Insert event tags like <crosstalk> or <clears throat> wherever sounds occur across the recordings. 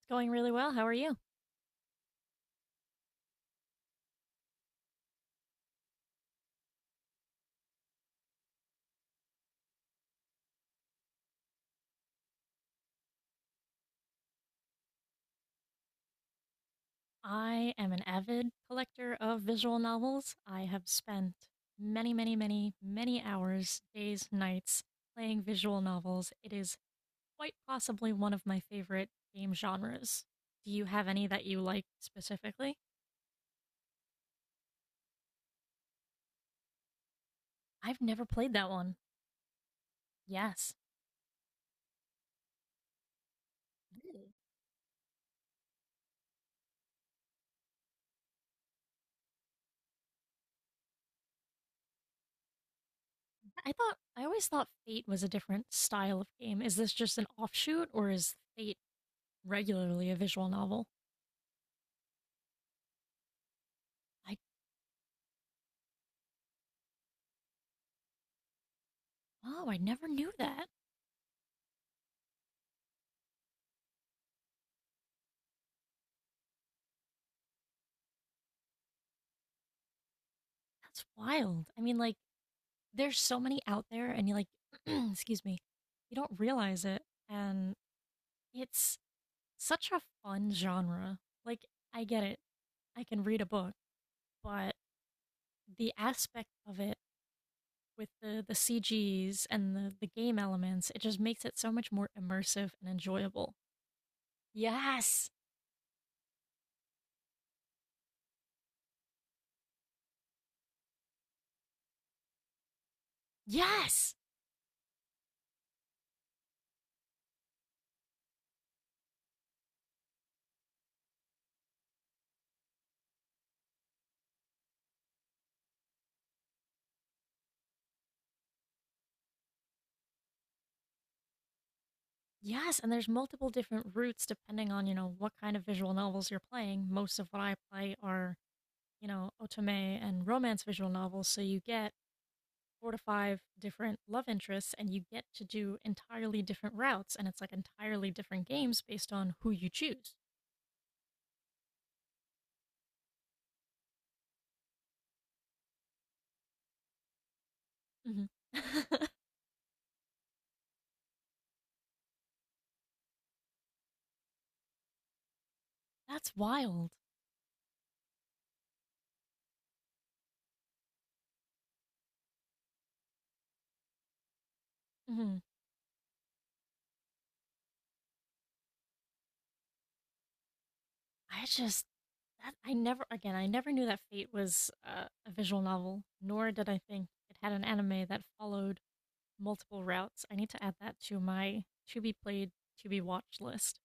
It's going really well. How are you? I am an avid collector of visual novels. I have spent many, many, many, many hours, days, nights playing visual novels. It is quite possibly one of my favorite game genres. Do you have any that you like specifically? I've never played that one. Yes. Really? I always thought Fate was a different style of game. Is this just an offshoot or is Fate regularly a visual novel? I, oh, I never knew that. That's wild. I mean, like, there's so many out there, and you like, <clears throat> excuse me, you don't realize it. And it's such a fun genre. Like, I get it. I can read a book, but the aspect of it with the CGs and the game elements, it just makes it so much more immersive and enjoyable. Yes. Yes. Yes. And there's multiple different routes depending on, you know, what kind of visual novels you're playing. Most of what I play are otome and romance visual novels, so you get four to five different love interests and you get to do entirely different routes and it's like entirely different games based on who you choose. Hmm. <laughs> That's wild. Hmm. I just that I never again I never knew that Fate was a visual novel, nor did I think it had an anime that followed multiple routes. I need to add that to my to be played to be watched list.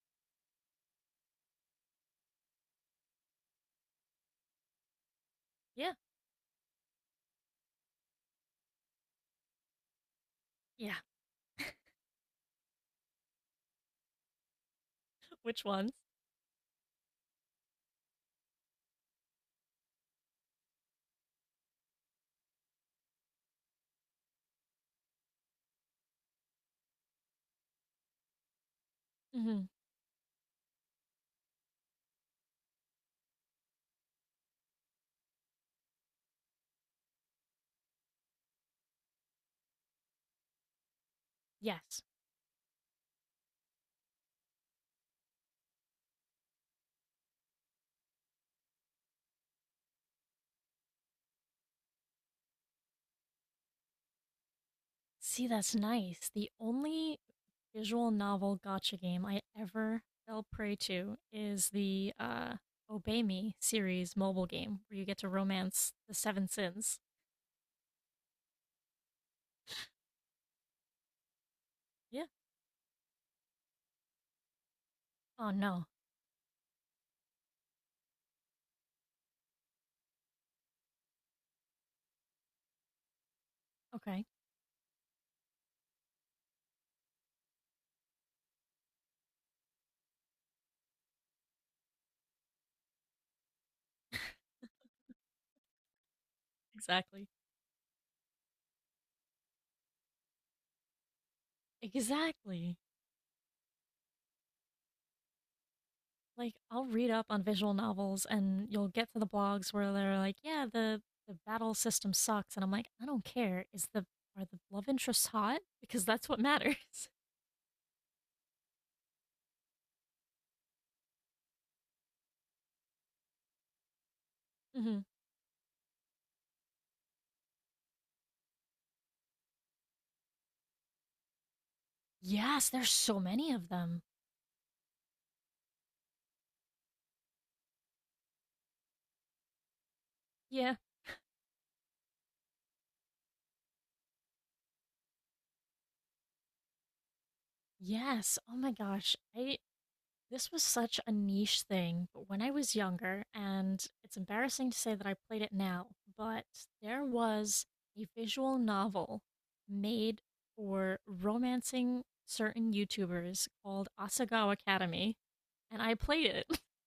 Yeah, yeah. <laughs> Which ones? Hmm. Yes. See, that's nice. The only visual novel gotcha game I ever fell prey to is the Obey Me series mobile game where you get to romance the seven sins. Yeah. Oh, no. Okay. Exactly. Exactly. Like, I'll read up on visual novels and you'll get to the blogs where they're like, yeah, the battle system sucks. And I'm like, I don't care. Are the love interests hot? Because that's what matters. <laughs> Hmm. Yes, there's so many of them. Yeah. Yes. Oh my gosh. I This was such a niche thing, but when I was younger, and it's embarrassing to say that I played it now, but there was a visual novel made for romancing certain YouTubers called Asagawa Academy, and I played it. <laughs>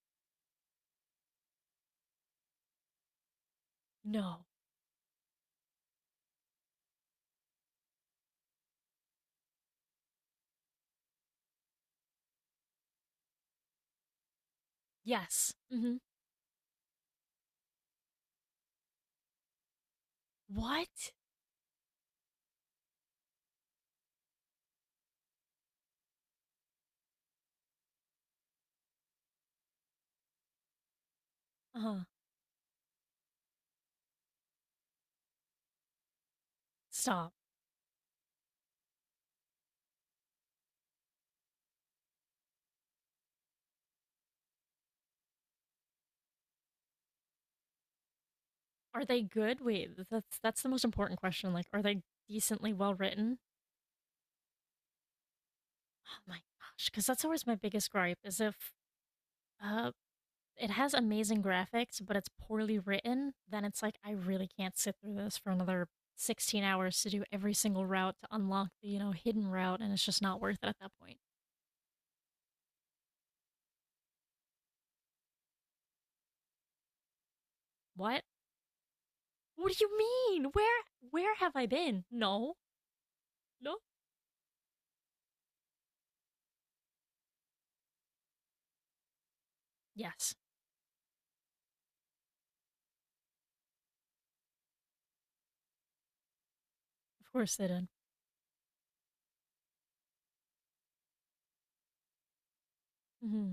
No. Yes. Hmm. What? Uh, Stop. Are they good? Wait, that's the most important question. Like, are they decently well written? Oh my gosh, because that's always my biggest gripe is if Uh, it has amazing graphics, but it's poorly written. Then it's like I really can't sit through this for another 16 hours to do every single route to unlock the hidden route and it's just not worth it at that point. What? What do you mean? Where have I been? No. No. Yes. Of course they did. Hmm.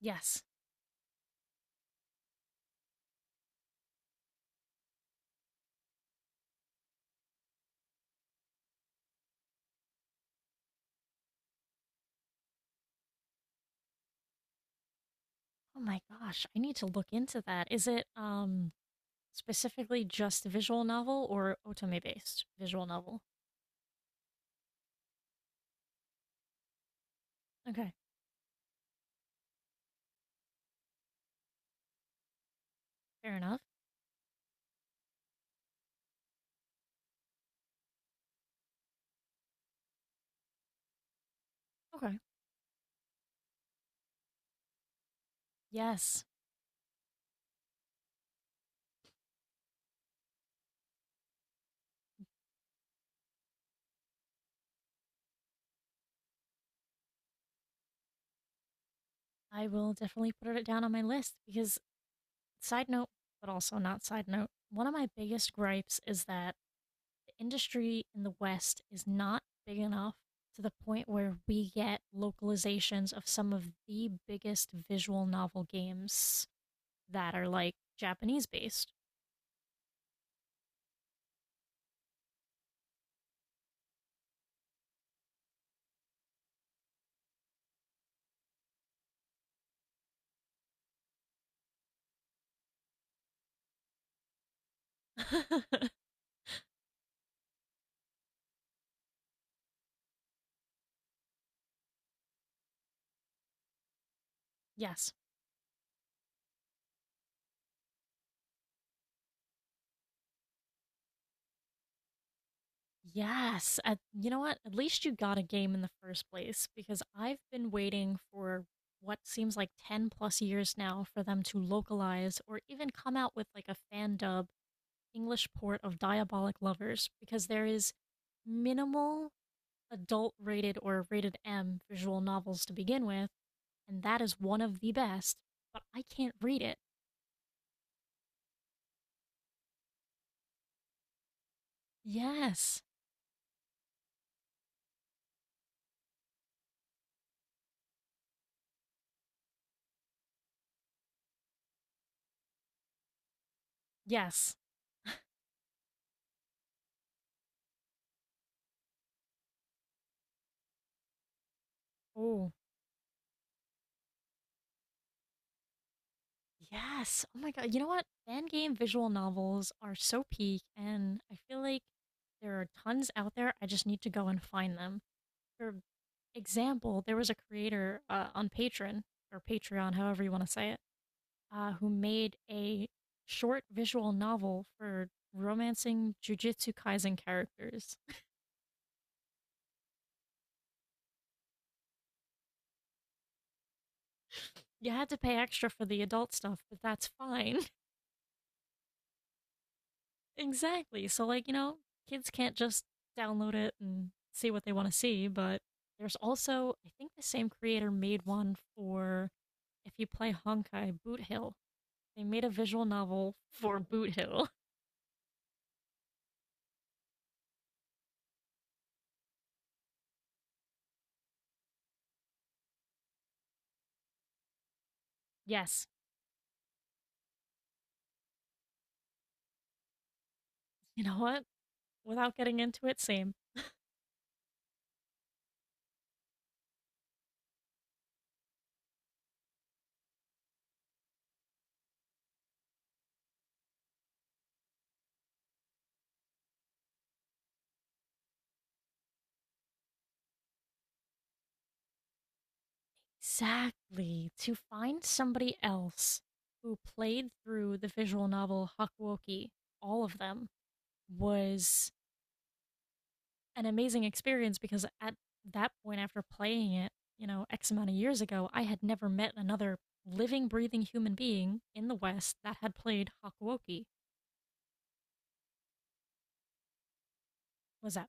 Yes. Oh my gosh, I need to look into that. Is it specifically just visual novel or otome based visual novel? Okay. Fair enough. Okay. Yes. I will definitely put it down on my list because, side note, but also not side note, one of my biggest gripes is that the industry in the West is not big enough to the point where we get localizations of some of the biggest visual novel games that are like Japanese based. <laughs> Yes. Yes. You know what? At least you got a game in the first place because I've been waiting for what seems like 10 plus years now for them to localize or even come out with like a fan dub English port of Diabolic Lovers because there is minimal adult rated or rated M visual novels to begin with, and that is one of the best, but I can't read it. Yes. Yes. Oh. Yes. Oh my God. You know what? Fan game visual novels are so peak, and I feel like there are tons out there. I just need to go and find them. For example, there was a creator on Patreon, or Patreon, however you want to say it, who made a short visual novel for romancing Jujutsu Kaisen characters. You had to pay extra for the adult stuff, but that's fine. Exactly. So, like, you know, kids can't just download it and see what they want to see, but there's also, I think the same creator made one for if you play Honkai Boot Hill. They made a visual novel for Boot Hill. <laughs> Yes. You know what? Without getting into it, same. Exactly. To find somebody else who played through the visual novel Hakuoki, all of them, was an amazing experience because at that point, after playing it, you know, X amount of years ago, I had never met another living, breathing human being in the West that had played Hakuoki. Was that?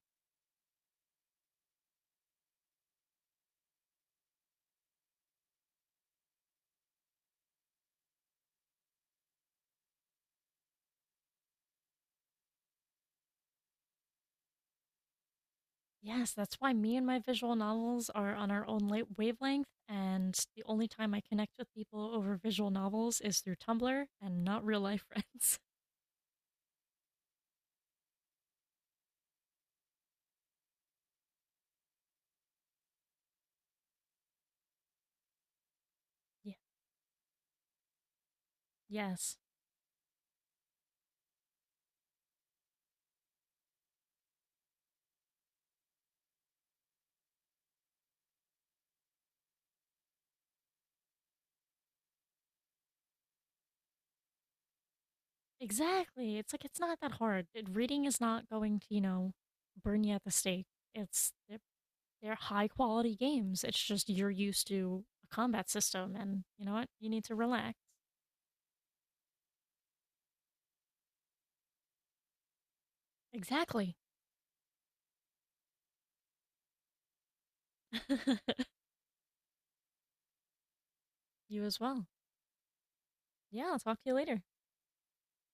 Yes, that's why me and my visual novels are on our own wavelength, and the only time I connect with people over visual novels is through Tumblr and not real life friends. <laughs> Yeah. Yes. Exactly. It's like it's not that hard. Reading is not going to burn you at the stake. It's They're high quality games. It's just you're used to a combat system, and you know what? You need to relax. Exactly. <laughs> You as well. Yeah, I'll talk to you later.